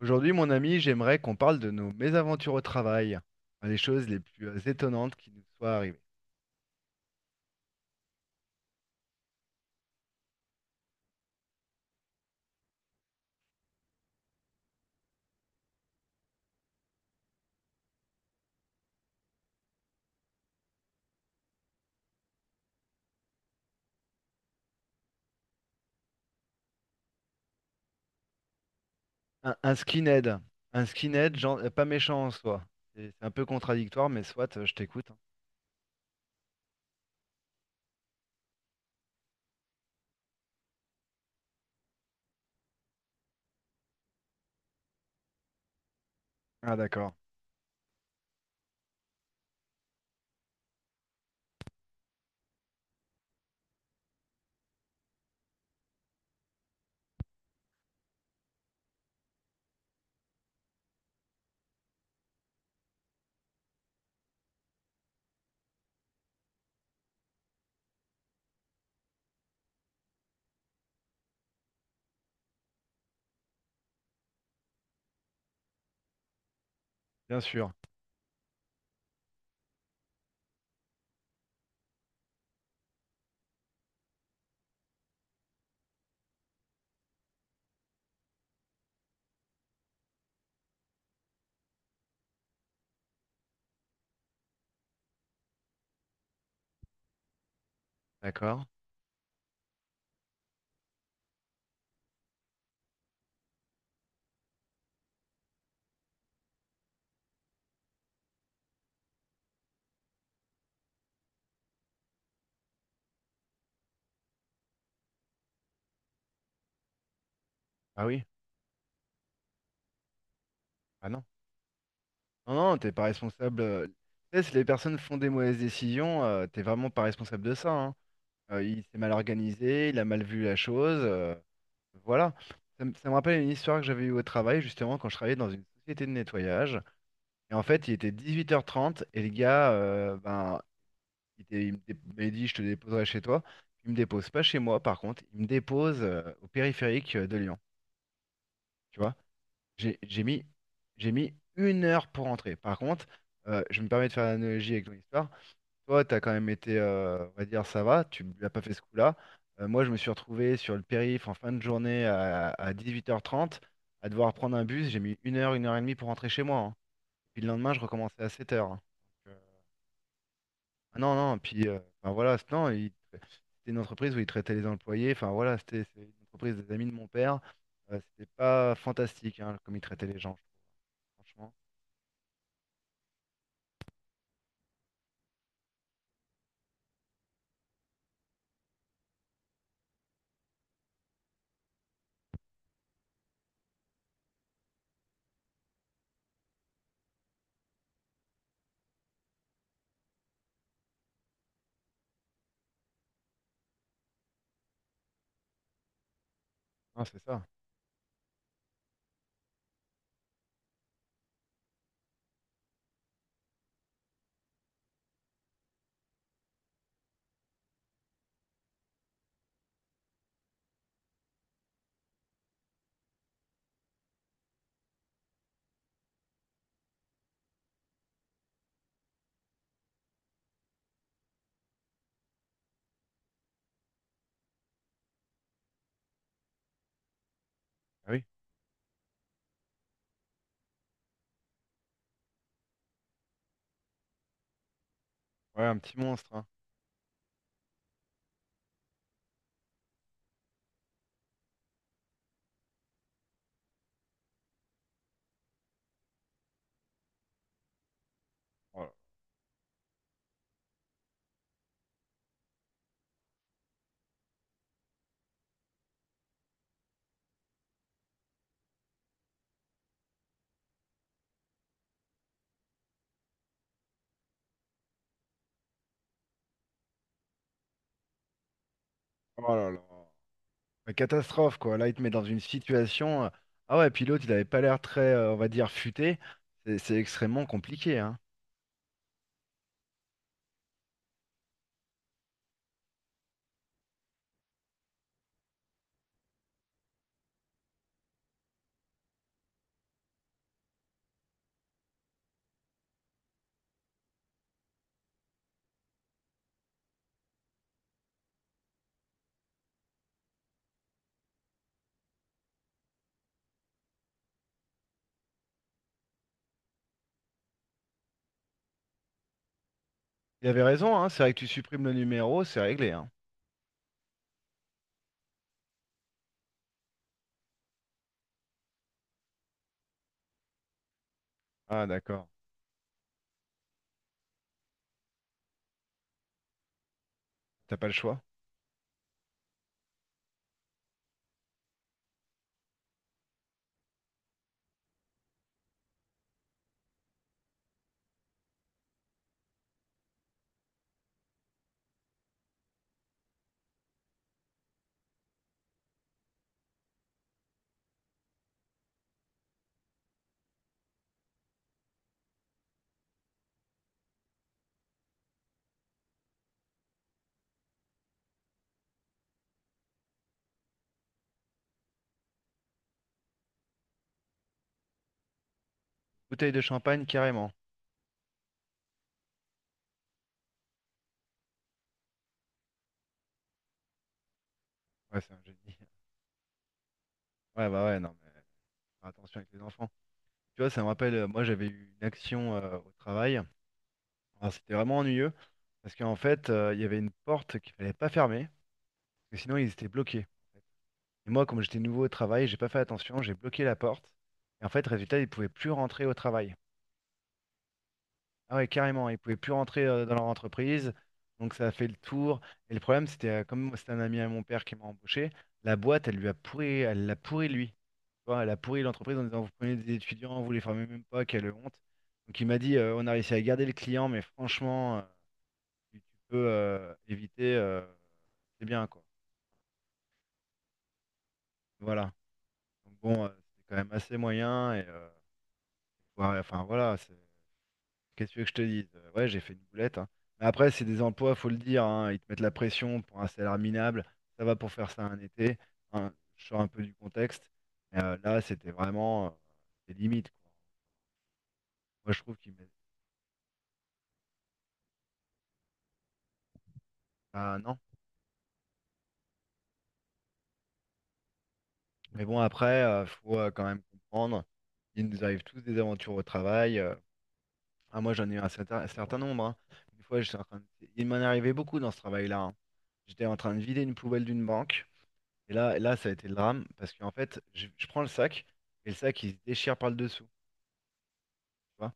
Aujourd'hui, mon ami, j'aimerais qu'on parle de nos mésaventures au travail, les choses les plus étonnantes qui nous soient arrivées. Un skinhead, un skinhead, pas méchant en soi. C'est un peu contradictoire, mais soit, je t'écoute. Hein. Ah d'accord, bien sûr, d'accord. Ah oui, ah non. Non, non, t'es pas responsable. Tu sais, si les personnes font des mauvaises décisions, t'es vraiment pas responsable de ça. Hein. Il s'est mal organisé, il a mal vu la chose. Voilà. Ça me rappelle une histoire que j'avais eue au travail, justement, quand je travaillais dans une société de nettoyage. Et en fait, il était 18h30 et le gars, ben, il, était- il me dé- m'avait dit, je te déposerai chez toi. Il me dépose pas chez moi, par contre, il me dépose au périphérique de Lyon. Tu vois, j'ai j'ai mis, j'ai mis 1 heure pour rentrer. Par contre, je me permets de faire l'analogie avec ton histoire. Toi, tu as quand même été, on va dire, ça va, tu n'as pas fait ce coup-là. Moi, je me suis retrouvé sur le périph' en fin de journée à 18h30 à devoir prendre un bus. J'ai mis une heure et demie pour rentrer chez moi. Hein. Puis le lendemain, je recommençais à 7h. Ah non, non, puis enfin, voilà, c'est- non, il- c'était une entreprise où ils traitaient les employés, enfin voilà, c'est une entreprise des amis de mon père, c'était pas fantastique hein, comme ils traitaient les gens, franchement. Non, c'est ça, ah oui, ouais, un petit monstre, hein. Oh là oh là là. Ouais, catastrophe, quoi, là, il te met dans une situation. Ah ouais, puis l'autre, il avait pas l'air très, on va dire, futé, c'est extrêmement compliqué, hein. Il avait raison, hein, c'est vrai que tu supprimes le numéro, c'est réglé, hein. Ah d'accord, t'as pas le choix. Bouteille de champagne, carrément. Ouais, c'est un génie. Ouais, bah ouais, non. Faire attention avec les enfants. Tu vois, ça me rappelle, moi j'avais eu une action au travail. Alors c'était vraiment ennuyeux parce qu'en fait, il y avait une porte qu'il fallait pas fermer parce que sinon ils étaient bloqués. Et moi, comme j'étais nouveau au travail, j'ai pas fait attention, j'ai bloqué la porte. Et en fait, résultat, ils pouvaient plus rentrer au travail. Ah ouais, carrément, ils pouvaient plus rentrer dans leur entreprise, donc ça a fait le tour. Et le problème, c'était comme c'était un ami à mon père qui m'a embauché, la boîte, elle lui a pourri, elle l'a pourri lui. Tu vois, elle a pourri l'entreprise en disant, vous prenez des étudiants, vous les formez même pas, quelle honte. Donc il m'a dit, on a réussi à garder le client, mais franchement, tu peux éviter, c'est bien quoi. Voilà. Donc bon, c'était quand même assez moyen et ouais, enfin voilà, c'est. Qu'est-ce que tu veux que je te dise? Ouais, j'ai fait une boulette. Hein. Mais après, c'est des emplois, faut le dire. Hein, ils te mettent la pression pour un salaire minable. Ça va pour faire ça un été. Hein, je sors un peu du contexte. Mais là, c'était vraiment des limites. Quoi. Moi, je trouve qu'ils mettent. Ah non. Mais bon, après, faut quand même comprendre. Il nous arrive tous des aventures au travail. Ah, moi, j'en ai eu un certain nombre. Hein. Une fois, j'étais en train de- il m'en arrivait beaucoup dans ce travail-là. Hein. J'étais en train de vider une poubelle d'une banque. Et là, là, ça a été le drame parce qu'en fait, je prends le sac et le sac il se déchire par le dessous. Tu vois?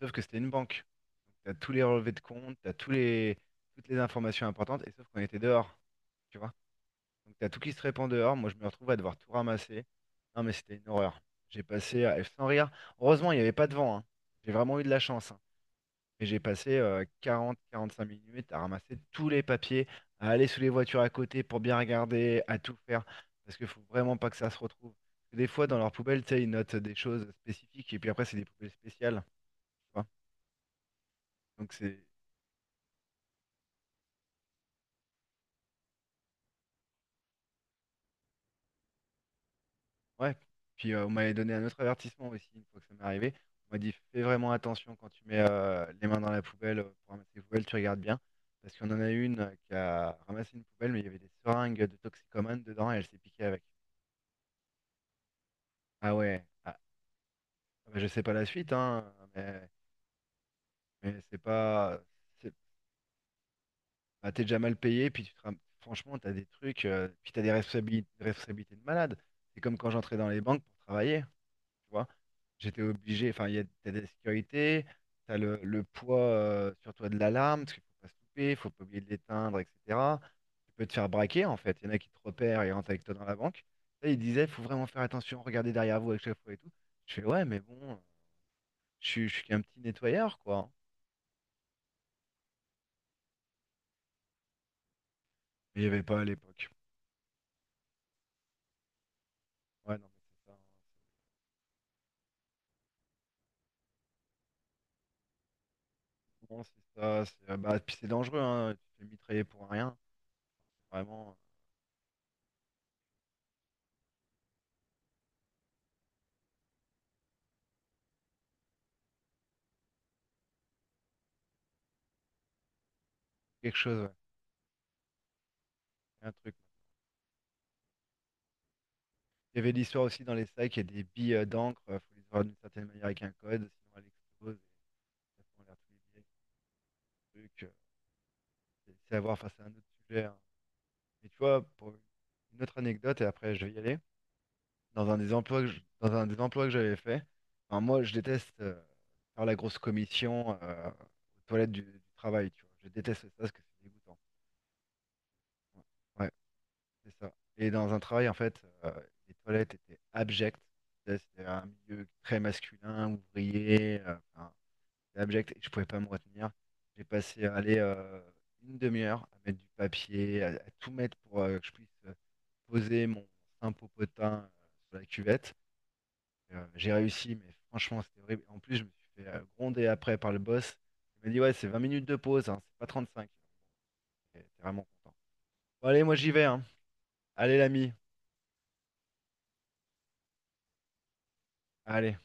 Sauf que c'était une banque. Donc t'as tous les relevés de compte, t'as toutes les informations importantes et sauf qu'on était dehors. Tu vois? Donc t'as tout qui se répand dehors. Moi, je me retrouve à devoir tout ramasser. Non, mais c'était une horreur. Sans rire. Heureusement, il n'y avait pas de vent. Hein. J'ai vraiment eu de la chance. Hein. Mais j'ai passé 40, 45 minutes à ramasser tous les papiers, à aller sous les voitures à côté pour bien regarder, à tout faire, parce qu'il faut vraiment pas que ça se retrouve. Parce que des fois, dans leur poubelle, tu sais, ils notent des choses spécifiques, et puis après, c'est des poubelles spéciales. Tu vois. Donc c'est... Ouais. Puis on m'avait donné un autre avertissement aussi, une fois que ça m'est arrivé. On m'a dit, fais vraiment attention quand tu mets les mains dans la poubelle, pour ramasser les poubelles, tu regardes bien. Parce qu'on en a une qui a ramassé une poubelle, mais il y avait des seringues de toxicomanes dedans, et elle s'est piquée avec. Ah ouais. Mais je sais pas la suite, hein, mais c'est pas. c'est- Bah, t'es déjà mal payé, puis franchement, t'as des trucs, puis t'as des responsabilités de malade. C'est comme quand j'entrais dans les banques pour travailler, tu vois. J'étais obligé, enfin, t'as des sécurités, t'as le poids sur toi de l'alarme, parce qu'il faut pas se louper, faut pas oublier de l'éteindre, etc. Tu peux te faire braquer, en fait. Il y en a qui te repèrent et rentrent avec toi dans la banque. Là, ils disaient, faut vraiment faire attention, regardez derrière vous à chaque fois et tout. Je fais, ouais, mais bon, je suis qu'un petit nettoyeur, quoi. Mais il n'y avait pas à l'époque. Ouais, non, mais c'est ça. Hein. C'est bon, c'est ça. Bah, puis c'est dangereux, hein. Tu te fais mitrailler pour rien. Vraiment. Quelque chose, ouais. C'est un truc. Il y avait l'histoire aussi dans les sacs, il y a des billes d'encre. Il faut les avoir d'une certaine manière avec un code, sinon elles explosent. Et ça prend l'air tous les billets, tous les trucs. C'est à voir face à un autre sujet. Hein. Et tu vois, pour une autre anecdote, et après je vais y aller. Dans un des emplois que j'avais fait, enfin, moi je déteste faire la grosse commission aux toilettes du travail, tu vois. Je déteste ça parce que c'est dégoûtant. Ouais, c'est ça. Et dans un travail, en fait, les toilettes étaient abjectes. Tu C'était un milieu très masculin, ouvrier, enfin, c'était abject et je pouvais pas me retenir. J'ai passé à aller une demi-heure à mettre du papier, à tout mettre pour que je puisse poser mon sein popotin sur la cuvette. J'ai réussi, mais franchement, c'était horrible. En plus, je me suis fait gronder après par le boss. Il m'a dit, ouais, c'est 20 minutes de pause, hein, c'est pas 35. J'étais vraiment content. Bon, allez, moi j'y vais, hein. Allez, l'ami. Allez.